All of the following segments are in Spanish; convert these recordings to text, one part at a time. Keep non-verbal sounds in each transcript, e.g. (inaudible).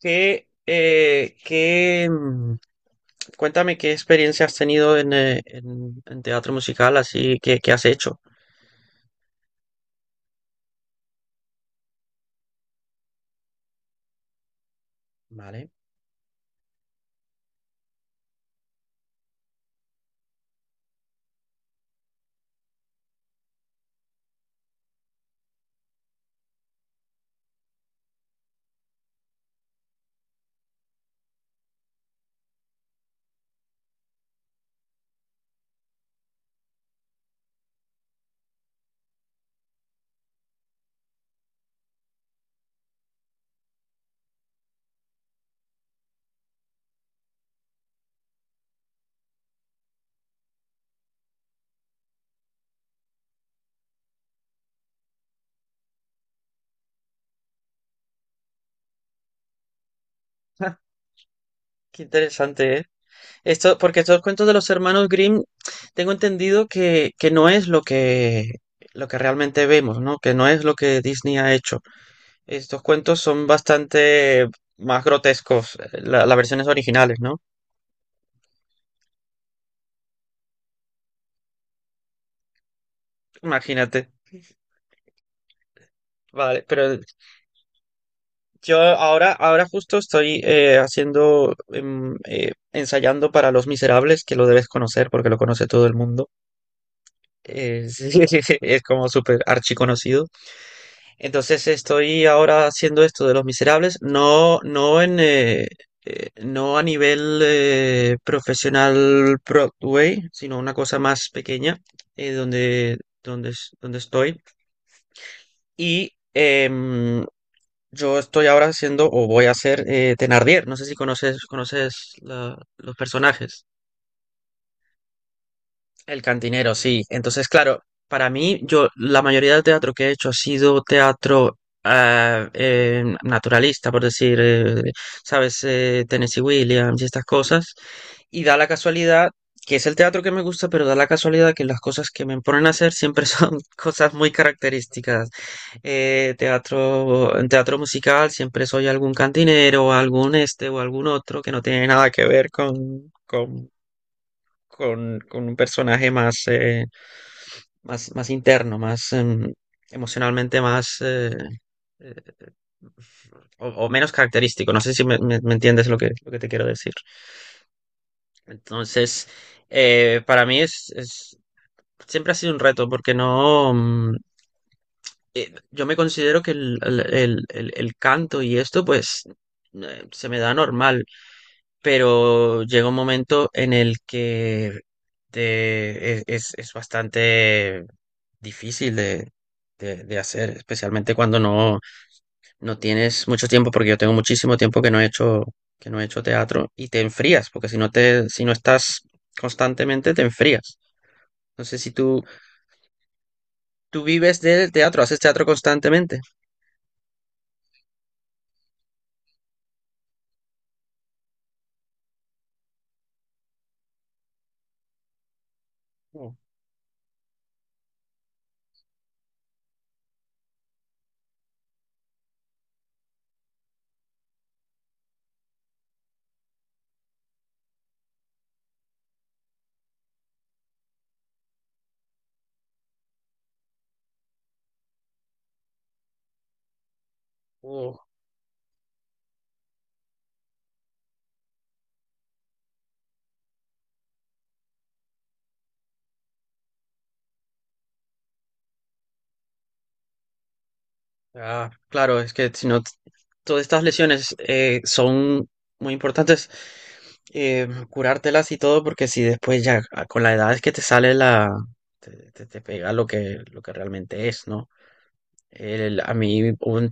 ¿Qué, qué, cuéntame qué experiencia has tenido en teatro musical, así que has hecho? Vale. (laughs) Ah, qué interesante, ¿eh? Esto, porque estos cuentos de los hermanos Grimm, tengo entendido que no es lo lo que realmente vemos, ¿no? Que no es lo que Disney ha hecho. Estos cuentos son bastante más grotescos, las versiones originales, ¿no? Imagínate. Vale, pero yo ahora justo estoy haciendo, ensayando para Los Miserables, que lo debes conocer porque lo conoce todo el mundo. (laughs) Sí, sí, sí, es como súper archiconocido. Entonces estoy ahora haciendo esto de Los Miserables, no no a nivel profesional Broadway, sino una cosa más pequeña, eh, donde, donde, donde estoy. Y em, Yo estoy ahora haciendo, o voy a hacer, Thénardier. No sé si conoces los personajes. El cantinero, sí. Entonces, claro, para mí, yo la mayoría del teatro que he hecho ha sido teatro naturalista, por decir, ¿sabes? Tennessee Williams y estas cosas. Y da la casualidad que es el teatro que me gusta, pero da la casualidad que las cosas que me ponen a hacer siempre son (laughs) cosas muy características. En teatro musical siempre soy algún cantinero, algún este o algún otro que no tiene nada que ver con un personaje más, más interno, emocionalmente más eh, o menos característico. No sé si me entiendes lo lo que te quiero decir. Entonces, para mí siempre ha sido un reto porque no, mm, yo me considero que el canto y esto pues se me da normal, pero llega un momento en el que es bastante difícil de hacer, especialmente cuando no tienes mucho tiempo, porque yo tengo muchísimo tiempo que no he hecho que no he hecho teatro y te enfrías, porque si no te, si no estás constantemente, te enfrías. No sé si tú vives del teatro, haces teatro constantemente. Oh, oh. Ah, claro, es que si no, t- todas estas lesiones son muy importantes curártelas y todo, porque si después ya ah, con la edad es que te sale la, te pega lo lo que realmente es, ¿no? El- a mí, hubo un-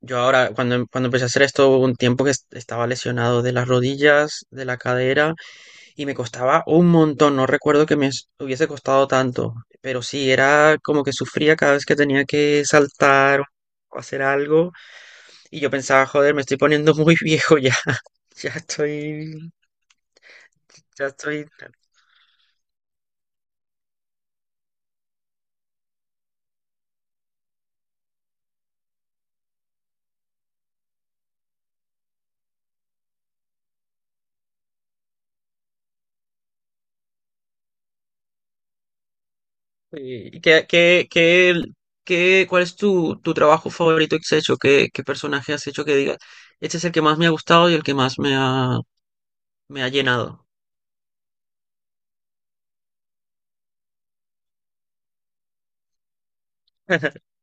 yo ahora, cuando empecé a hacer esto, hubo un tiempo que es- estaba lesionado de las rodillas, de la cadera, y me costaba un montón, no recuerdo que me s- hubiese costado tanto, pero sí, era como que sufría cada vez que tenía que saltar o hacer algo. Y yo pensaba, joder, me estoy poniendo muy viejo ya. (laughs) Ya estoy, ya estoy. ¿Y cuál es tu trabajo favorito que has hecho? ¿Qué, qué personaje has hecho que digas? Este es el que más me ha gustado y el que más me ha llenado. (laughs)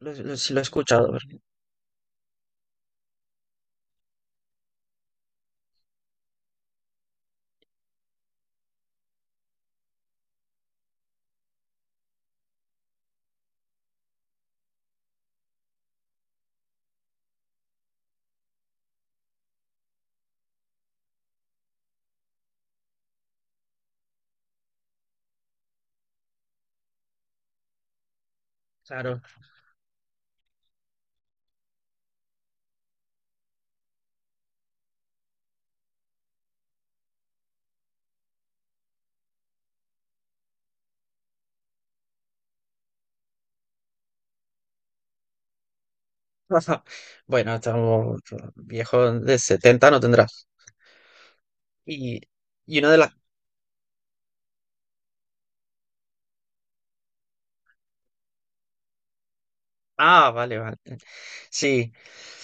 Sí lo he escuchado, ¿verdad? Claro. (laughs) Bueno, estamos viejo de 70 no tendrás. Y, y uno de las... Ah, vale, vale. Sí,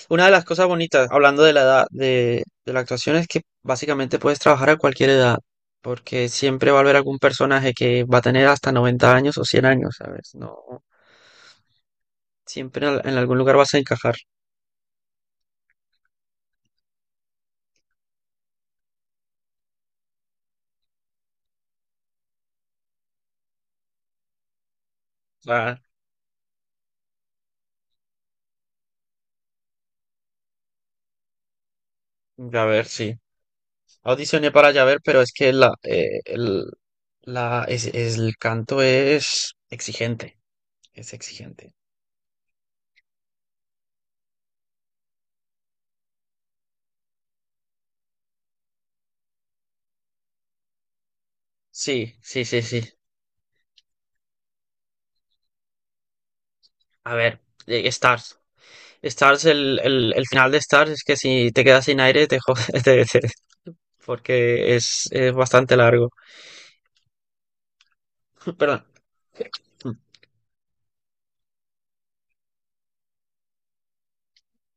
una de las cosas bonitas, hablando de la edad de la actuación, es que básicamente puedes trabajar a cualquier edad, porque siempre va a haber algún personaje que va a tener hasta 90 años o 100 años, ¿sabes? No, siempre en algún lugar vas a encajar. Ah, a ver, sí. Audicioné para Yaver, pero es que la, el, la, es- el canto es exigente, es exigente. Sí, sí, sí, sí. A ver, Stars. Stars, el final de Stars es que si te quedas sin aire, te jodes, (laughs) porque es bastante largo. (laughs) Perdón.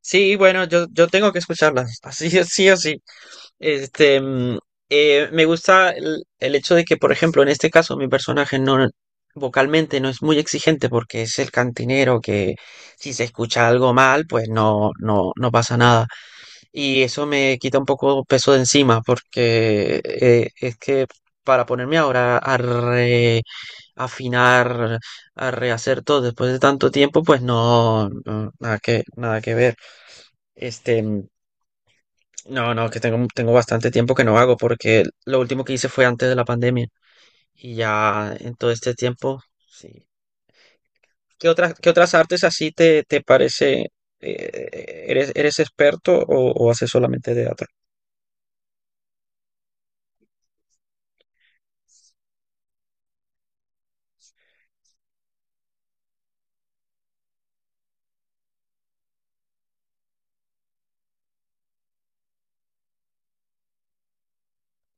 Sí, bueno, yo tengo que escucharlas, (laughs) así, es, sí o sí. Este, mm, me gusta el hecho de que, por ejemplo, en este caso, mi personaje no vocalmente no es muy exigente porque es el cantinero que si se escucha algo mal, pues no, no, no pasa nada. Y eso me quita un poco peso de encima porque es que para ponerme ahora a afinar, a rehacer todo después de tanto tiempo, pues no, no, nada que ver. Este, no, no, que tengo bastante tiempo que no hago porque lo último que hice fue antes de la pandemia y ya en todo este tiempo, sí. Qué otras artes así te parece? ¿Eres, eres experto o haces solamente teatro?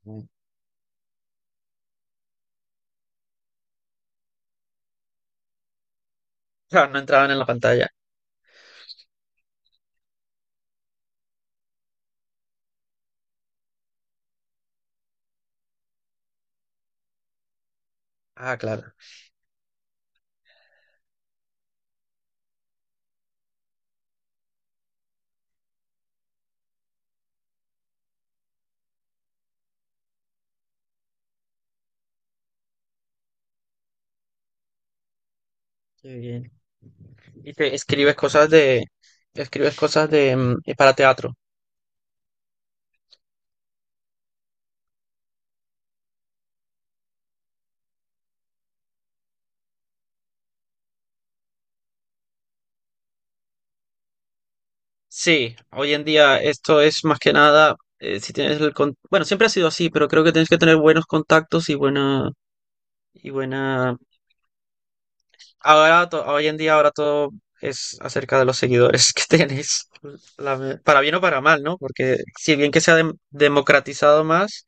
Mm. Ah, no entraban en la pantalla. Ah, claro. Qué bien. Y te escribes cosas de, para teatro. Sí, hoy en día esto es más que nada, si tienes el con- bueno, siempre ha sido así, pero creo que tienes que tener buenos contactos y buena, ahora, to- hoy en día ahora todo es acerca de los seguidores (laughs) que tienes, la- para bien o para mal, ¿no? Porque si bien que se ha dem- democratizado más,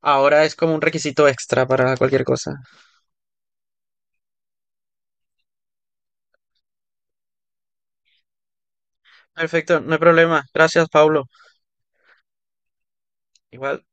ahora es como un requisito extra para cualquier cosa. Perfecto, no hay problema. Gracias, Pablo. Igual.